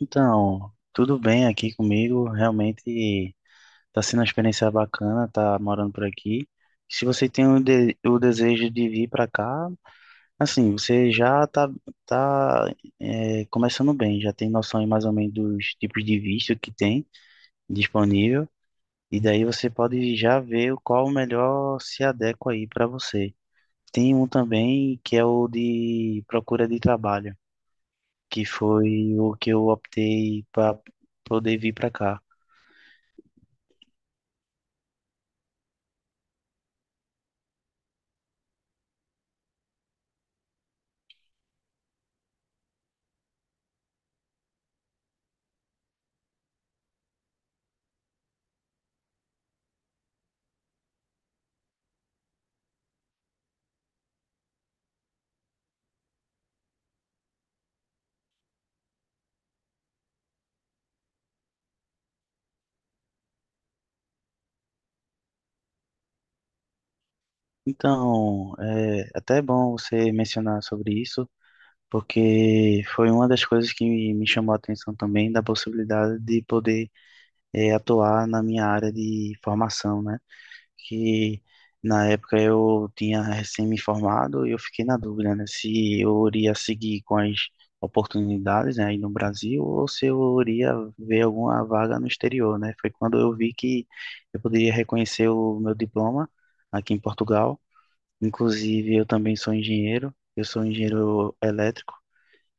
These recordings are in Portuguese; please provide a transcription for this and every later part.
Então, tudo bem aqui comigo. Realmente está sendo uma experiência bacana, tá morando por aqui. Se você tem o desejo de vir para cá, assim, você já tá começando bem, já tem noção aí mais ou menos dos tipos de visto que tem disponível, e daí você pode já ver qual o melhor se adequa aí para você. Tem um também que é o de procura de trabalho, que foi o que eu optei para poder vir para cá. Então, é até bom você mencionar sobre isso, porque foi uma das coisas que me chamou a atenção também da possibilidade de poder atuar na minha área de formação, né? Que na época eu tinha recém me formado e eu fiquei na dúvida, né? Se eu iria seguir com as oportunidades, né, aí no Brasil ou se eu iria ver alguma vaga no exterior, né? Foi quando eu vi que eu poderia reconhecer o meu diploma aqui em Portugal. Inclusive, eu também sou engenheiro, eu sou engenheiro elétrico,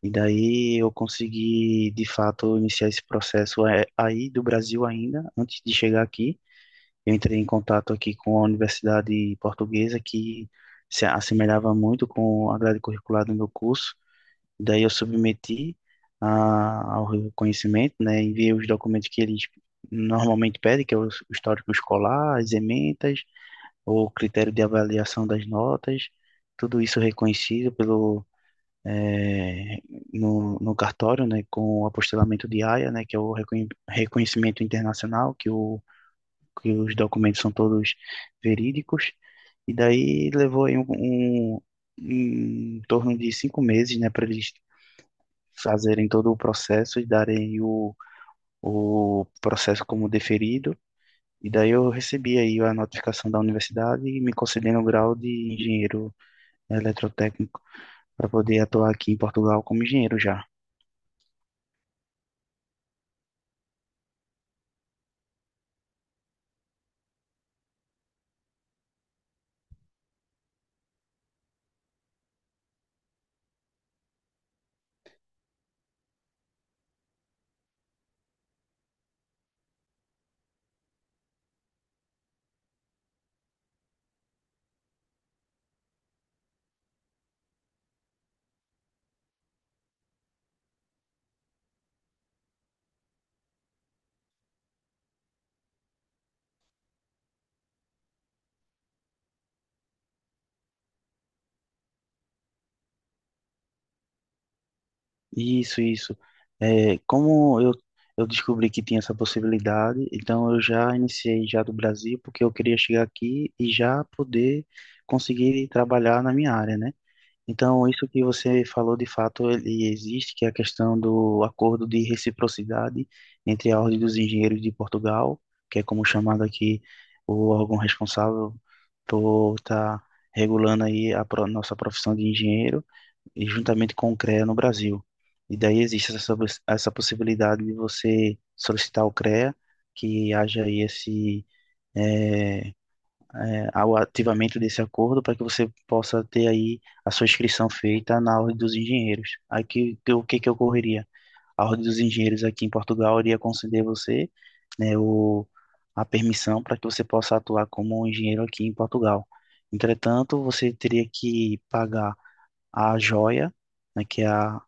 e daí eu consegui, de fato, iniciar esse processo aí do Brasil ainda, antes de chegar aqui. Eu entrei em contato aqui com a Universidade Portuguesa, que se assemelhava muito com a grade curricular do meu curso. Daí eu submeti ao reconhecimento, né, enviei os documentos que eles normalmente pedem, que é o histórico escolar, as ementas, o critério de avaliação das notas, tudo isso reconhecido pelo eh, no cartório, né, com o apostilamento de AIA, né, que é o reconhecimento internacional, que os documentos são todos verídicos, e daí levou aí um em torno de 5 meses, né, para eles fazerem todo o processo e darem o processo como deferido. E daí eu recebi aí a notificação da universidade e me concedendo o grau de engenheiro eletrotécnico para poder atuar aqui em Portugal como engenheiro já. Isso, isso. É, como eu descobri que tinha essa possibilidade, então eu já iniciei já do Brasil, porque eu queria chegar aqui e já poder conseguir trabalhar na minha área, né? Então, isso que você falou, de fato, ele existe, que é a questão do acordo de reciprocidade entre a Ordem dos Engenheiros de Portugal, que é como chamado aqui o órgão responsável por estar regulando aí a nossa profissão de engenheiro, e juntamente com o CREA no Brasil. E daí existe essa, essa possibilidade de você solicitar o CREA, que haja aí esse, eh, ao ativamento desse acordo para que você possa ter aí a sua inscrição feita na Ordem dos Engenheiros. Aí o que que ocorreria? A Ordem dos Engenheiros aqui em Portugal iria conceder você, né, a permissão para que você possa atuar como um engenheiro aqui em Portugal. Entretanto, você teria que pagar a joia, né, que é a,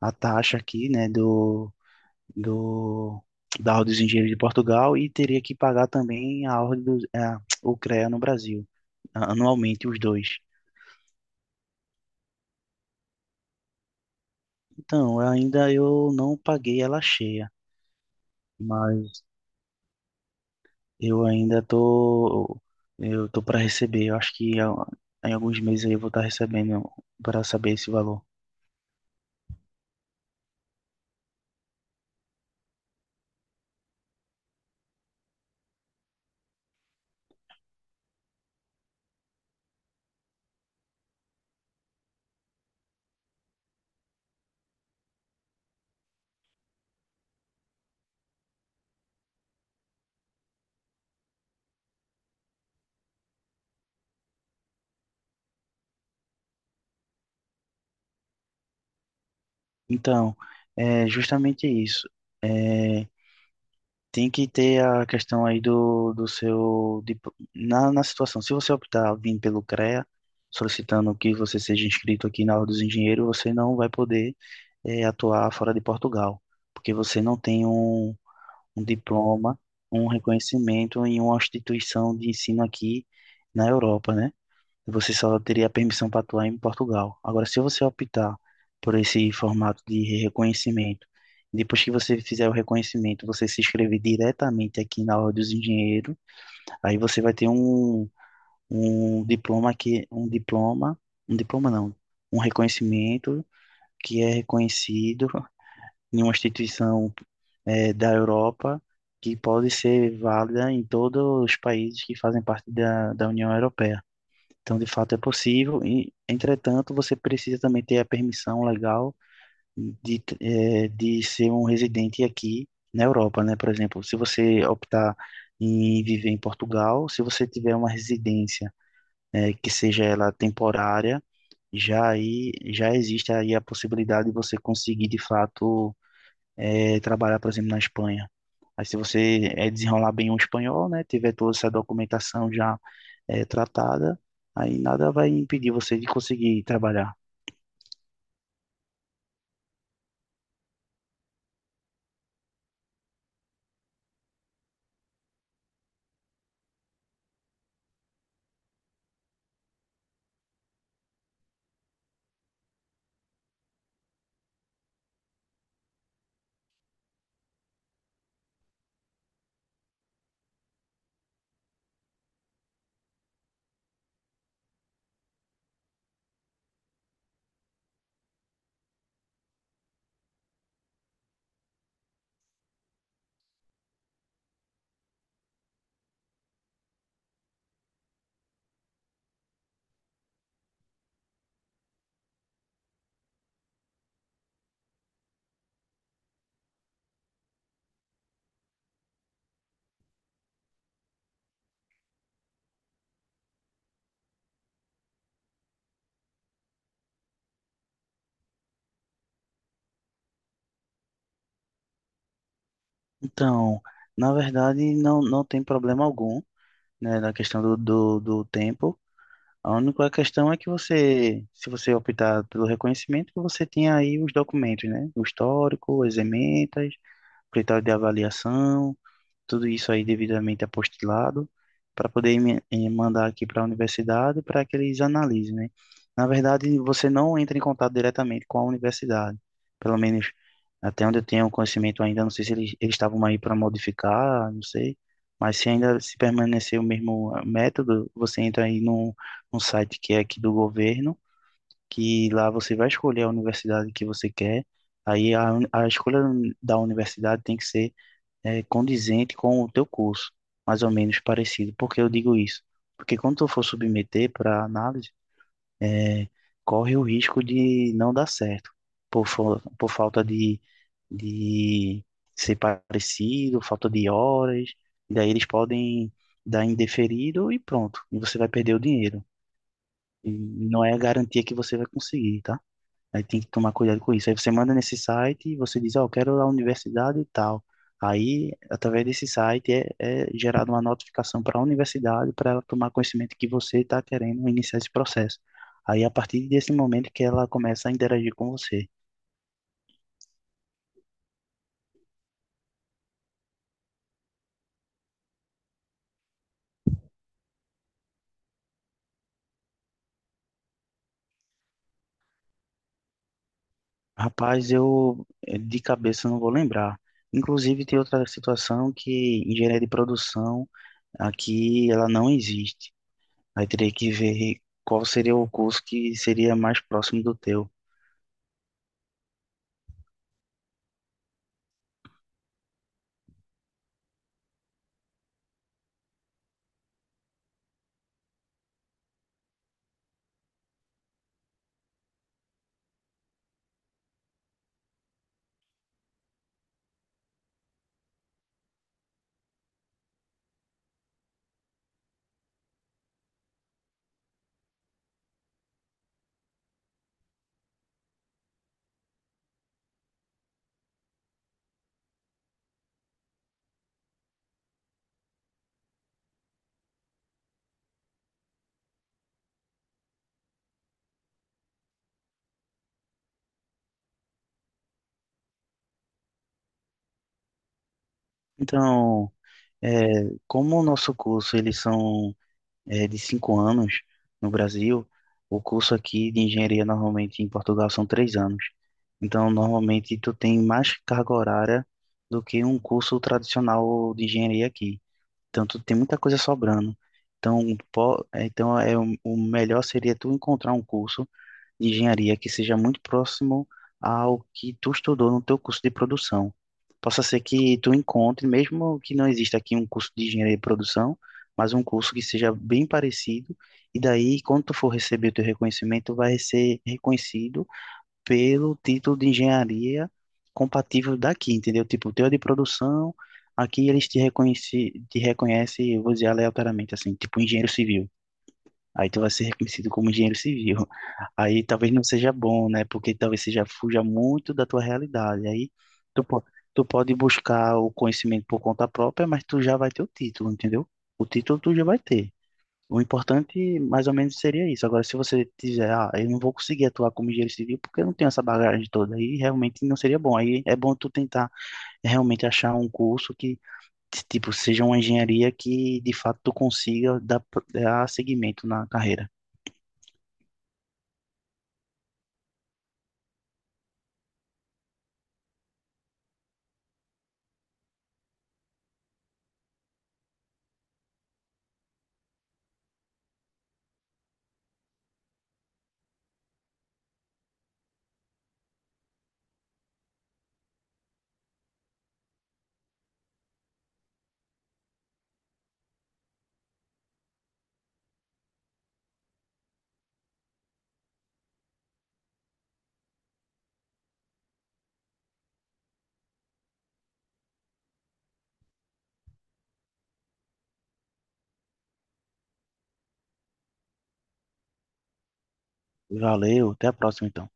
a taxa aqui, né, do, do da Ordem dos Engenheiros de Portugal e teria que pagar também a ordem o CREA no Brasil anualmente os dois. Então, ainda eu não paguei ela cheia, mas eu ainda tô para receber. Eu acho que em alguns meses aí eu vou estar recebendo para saber esse valor. Então, é justamente isso. É, tem que ter a questão aí do seu. Na situação, se você optar vir pelo CREA, solicitando que você seja inscrito aqui na Ordem dos Engenheiros, você não vai poder atuar fora de Portugal, porque você não tem um diploma, um reconhecimento em uma instituição de ensino aqui na Europa, né? Você só teria permissão para atuar em Portugal. Agora, se você optar por esse formato de reconhecimento, depois que você fizer o reconhecimento, você se inscrever diretamente aqui na Ordem dos Engenheiros, aí você vai ter um diploma que um diploma não, um reconhecimento que é reconhecido em uma instituição da Europa que pode ser válida em todos os países que fazem parte da União Europeia. Então, de fato, é possível. E, entretanto, você precisa também ter a permissão legal de ser um residente aqui na Europa, né? Por exemplo, se você optar em viver em Portugal, se você tiver uma residência, que seja ela temporária, já aí já existe aí a possibilidade de você conseguir, de fato, trabalhar, por exemplo, na Espanha. Aí, se você desenrolar bem o espanhol, né? Tiver toda essa documentação já tratada, aí nada vai impedir você de conseguir trabalhar. Então, na verdade, não, não tem problema algum, né, na questão do tempo. A única questão é que você, se você optar pelo reconhecimento, que você tenha aí os documentos, né? O histórico, as ementas, o critério de avaliação, tudo isso aí devidamente apostilado, para poder mandar aqui para a universidade para que eles analisem, né? Na verdade, você não entra em contato diretamente com a universidade, pelo menos até onde eu tenho conhecimento ainda, não sei se eles estavam aí para modificar, não sei, mas se ainda se permanecer o mesmo método, você entra aí num site que é aqui do governo, que lá você vai escolher a universidade que você quer, aí a escolha da universidade tem que ser condizente com o teu curso, mais ou menos parecido. Por que eu digo isso? Porque quando tu for submeter para análise, é, corre o risco de não dar certo, por falta de ser parecido, falta de horas, e daí eles podem dar indeferido e pronto, e você vai perder o dinheiro. E não é a garantia que você vai conseguir, tá? Aí tem que tomar cuidado com isso. Aí você manda nesse site e você diz, ó, eu quero a universidade e tal. Aí, através desse site, é gerada uma notificação para a universidade para ela tomar conhecimento que você está querendo iniciar esse processo. Aí, a partir desse momento que ela começa a interagir com você. Rapaz, eu de cabeça não vou lembrar. Inclusive, tem outra situação que engenharia de produção aqui ela não existe. Aí teria que ver qual seria o curso que seria mais próximo do teu. Então, É, como o nosso curso, eles são de 5 anos no Brasil, o curso aqui de engenharia normalmente em Portugal são 3 anos. Então, normalmente tu tem mais carga horária do que um curso tradicional de engenharia aqui. Então, tu tem muita coisa sobrando. Então, o melhor seria tu encontrar um curso de engenharia que seja muito próximo ao que tu estudou no teu curso de produção. Possa ser que tu encontre, mesmo que não exista aqui um curso de engenharia de produção, mas um curso que seja bem parecido, e daí, quando tu for receber o teu reconhecimento, vai ser reconhecido pelo título de engenharia compatível daqui, entendeu? Tipo, o teu é de produção, aqui eles te reconhece, te reconhecem, eu vou dizer aleatoriamente, assim, tipo engenheiro civil. Aí tu vai ser reconhecido como engenheiro civil. Aí talvez não seja bom, né? Porque talvez seja fuja muito da tua realidade. Aí tu, po- tu pode buscar o conhecimento por conta própria, mas tu já vai ter o título, entendeu? O título tu já vai ter. O importante, mais ou menos, seria isso. Agora, se você dizer, ah, eu não vou conseguir atuar como engenheiro civil porque eu não tenho essa bagagem toda, aí realmente não seria bom. Aí é bom tu tentar realmente achar um curso que, tipo, seja uma engenharia que, de fato, tu consiga dar, seguimento na carreira. Valeu, até a próxima então.